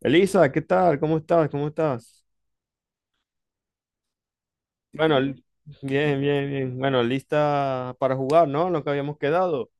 Elisa, ¿qué tal? ¿Cómo estás? ¿Cómo estás? Bueno, bien, bien, bien. Bueno, lista para jugar, ¿no? Lo que habíamos quedado.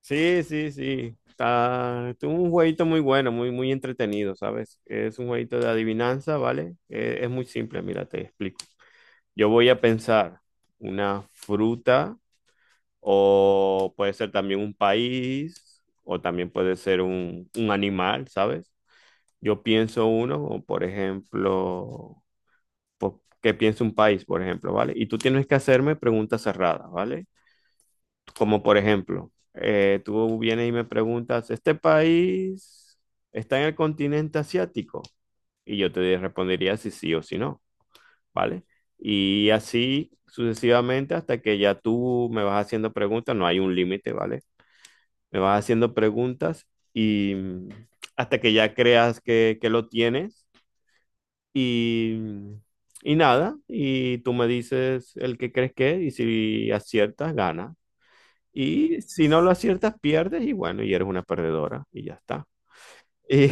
Sí, sí, sí. Es un jueguito muy bueno, muy, muy entretenido, ¿sabes? Es un jueguito de adivinanza, ¿vale? Muy simple, mira, te explico. Yo voy a pensar una fruta o puede ser también un país o también puede ser un animal, ¿sabes? Yo pienso uno, por ejemplo... qué piensa un país, por ejemplo, ¿vale? Y tú tienes que hacerme preguntas cerradas, ¿vale? Como por ejemplo, tú vienes y me preguntas, ¿este país está en el continente asiático? Y yo te respondería si sí o si no, ¿vale? Y así sucesivamente hasta que ya tú me vas haciendo preguntas, no hay un límite, ¿vale? Me vas haciendo preguntas y mm, hasta que ya creas que lo tienes. Y, mm, y nada, y tú me dices el que crees que es, y si aciertas, ganas. Y si no lo aciertas, pierdes, y bueno, y eres una perdedora, y ya está. Y,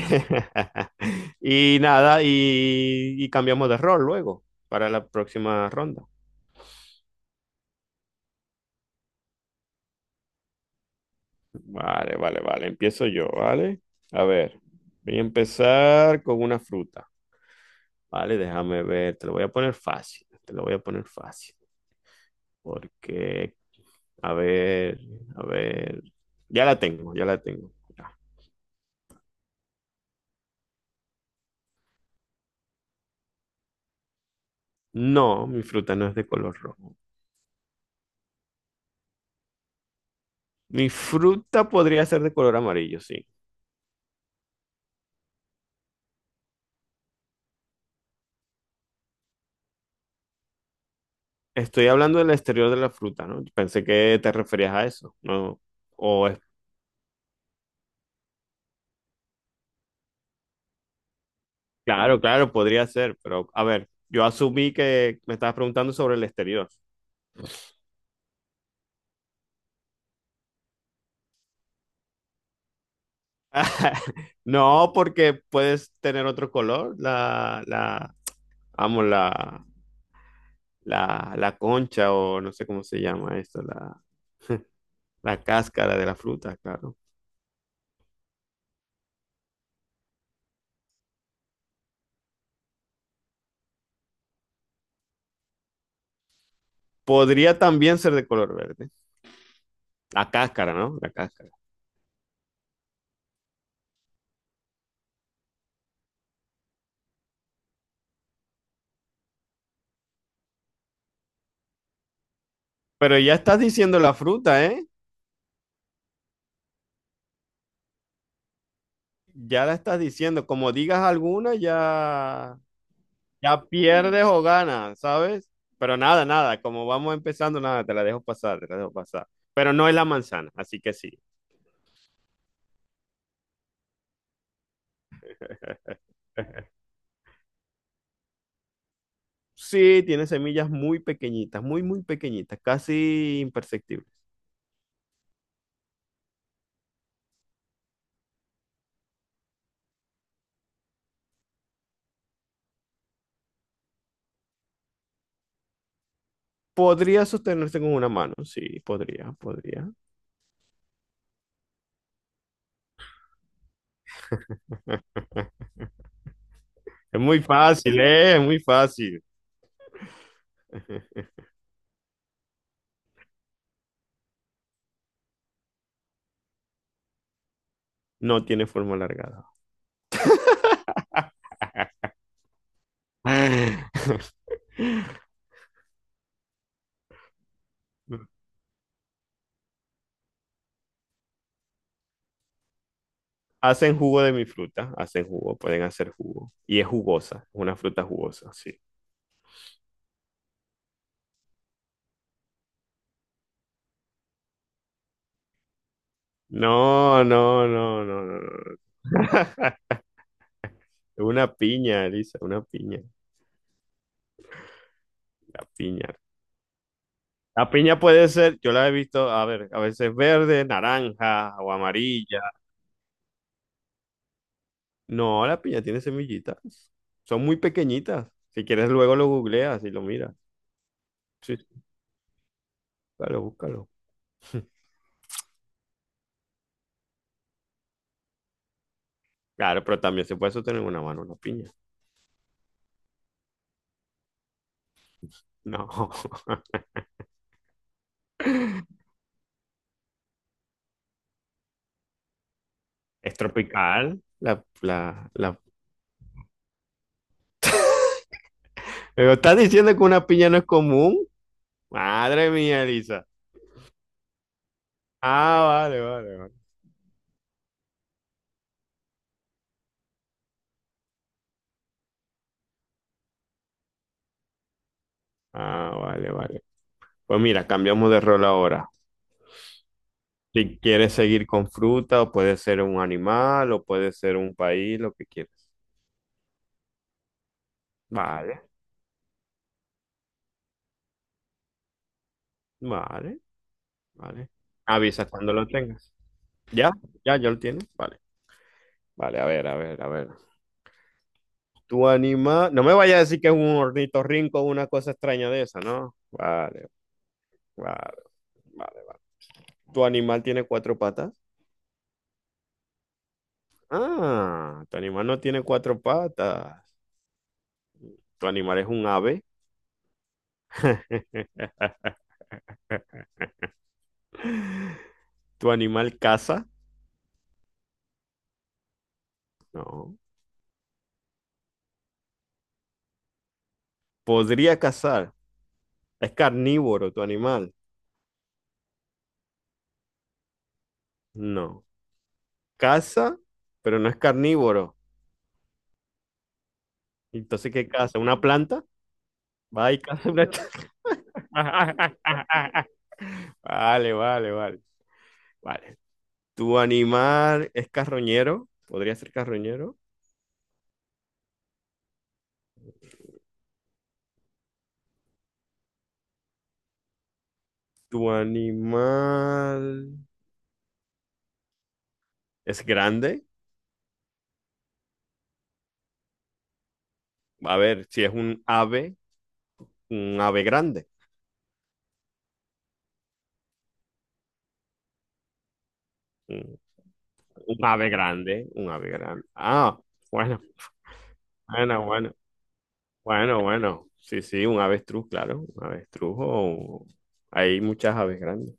y nada, y cambiamos de rol luego para la próxima ronda. Vale, vale, vale, empiezo yo, ¿vale? A ver, voy a empezar con una fruta, ¿vale? Déjame ver, te lo voy a poner fácil, te lo voy a poner fácil, porque a ver, a ver. Ya la tengo, ya la tengo. Ya. No, mi fruta no es de color rojo. Mi fruta podría ser de color amarillo, sí. Estoy hablando del exterior de la fruta, ¿no? Pensé que te referías a eso, ¿no? O es... Claro, claro, podría ser, pero a ver, yo asumí que me estabas preguntando sobre el exterior. No, porque puedes tener otro color, vamos, la concha o no sé cómo se llama esto, la... La cáscara de la fruta, claro. Podría también ser de color verde. La cáscara, ¿no? La cáscara. Pero ya estás diciendo la fruta, ¿eh? Ya la estás diciendo. Como digas alguna, ya, ya pierdes o ganas, ¿sabes? Pero nada, nada. Como vamos empezando, nada, te la dejo pasar, te la dejo pasar. Pero no es la manzana, así que sí. Sí, tiene semillas muy pequeñitas, muy, muy pequeñitas, casi imperceptibles. Podría sostenerse con una mano, sí, podría, podría. Es muy fácil, ¿eh? Es muy fácil. No tiene forma alargada. Hacen jugo de mi fruta, hacen jugo, pueden hacer jugo. Y es jugosa, es una fruta jugosa, sí. No, no, no, no, no, no. Una piña, Elisa, una piña, la piña. La piña puede ser, yo la he visto, a ver, a veces verde, naranja o amarilla. No, la piña tiene semillitas. Son muy pequeñitas. Si quieres, luego lo googleas y lo miras. Sí, sí, búscalo, búscalo. Claro, pero también se puede sostener en una mano una piña. No, es tropical. La... Pero estás diciendo que una piña no es común. Madre mía, Elisa. Ah, vale, vale, vale. Ah, vale, vale. Pues mira, cambiamos de rol ahora. Si quieres seguir con fruta, o puede ser un animal, o puede ser un país, lo que quieras. Vale, vale, vale. Avisa cuando lo tengas. ¿Ya? ¿Ya? ¿Ya lo tienes? Vale, vale, a ver, a ver, a ver. Tu animal. No me vayas a decir que es un ornitorrinco o una cosa extraña de esa, ¿no? Vale. Vale, vale. ¿Tu animal tiene cuatro patas? Ah, tu animal no tiene cuatro patas. ¿Tu animal es un ave? ¿Tu animal caza? No. ¿Podría cazar? ¿Es carnívoro tu animal? No. ¿Caza? Pero no es carnívoro. Entonces, ¿qué caza? ¿Una planta? Va y caza una... Vale, vale, vale. Vale. ¿Tu animal es carroñero? ¿Podría ser carroñero? ¿Tu animal... es grande? A ver, si es un ave grande. Un, un ave grande, un ave grande. Ah, bueno, bueno, bueno, bueno, bueno. Sí, sí, un avestruz, claro. Un avestruz o... Hay muchas aves grandes.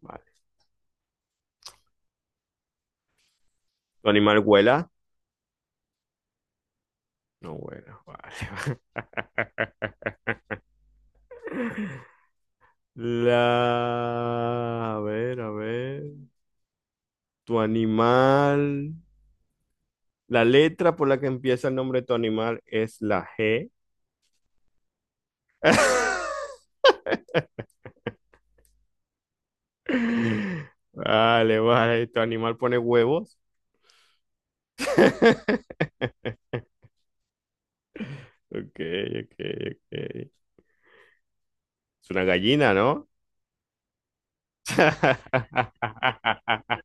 Vale. ¿Tu animal vuela? No vuela. Vale. La... A ver, a ver. Tu animal... La letra por la que empieza el nombre de tu animal es la G. Vale, vale, tu animal pone huevos. Ok, ok, ok. Es una gallina, ¿no?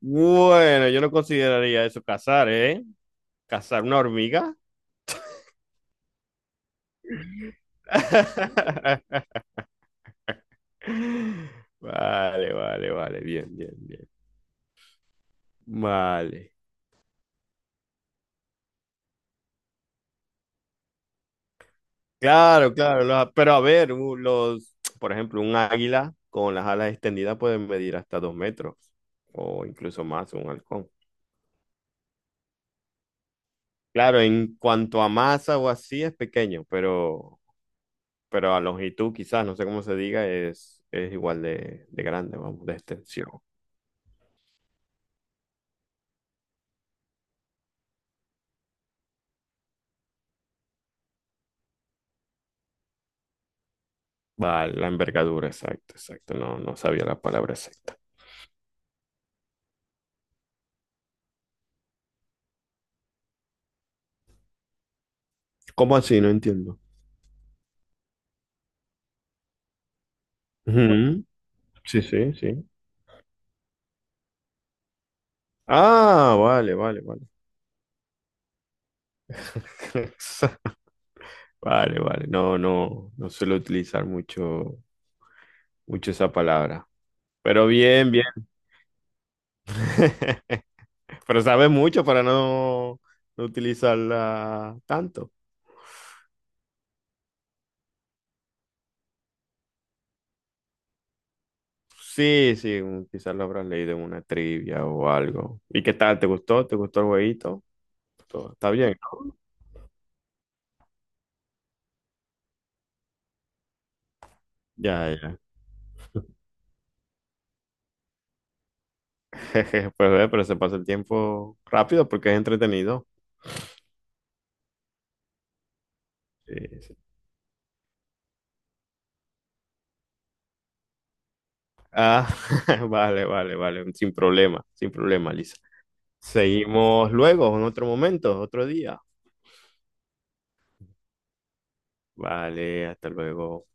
Bueno, yo no consideraría eso cazar, ¿eh? ¿Cazar una hormiga? Vale, vale, vale, bien, bien, bien. Vale. Claro, claro, pero a ver, los, por ejemplo, un águila con las alas extendidas pueden medir hasta 2 metros o incluso más, un halcón. Claro, en cuanto a masa o así es pequeño, pero a longitud quizás, no sé cómo se diga, es igual de grande, vamos, de extensión. Vale, la envergadura, exacto, exacto, no, no sabía la palabra exacta. ¿Cómo así? No entiendo. Ujú, sí, sí, sí. Ah, vale, vale, vale. Vale, vale, no, no, no suelo utilizar mucho, mucho esa palabra. Pero bien, bien. Pero sabe mucho para no, no utilizarla tanto. Sí, sí, quizás lo habrás leído en una trivia o algo. ¿Y qué tal? ¿Te gustó? ¿Te gustó el jueguito? Está bien, ¿no? Ya, ya. Jeje, pues ve, pero se pasa el tiempo rápido porque es entretenido. Sí, sí. Ah, vale, vale, vale. Sin problema, sin problema, Lisa. Seguimos luego, en otro momento, otro día. Vale, hasta luego.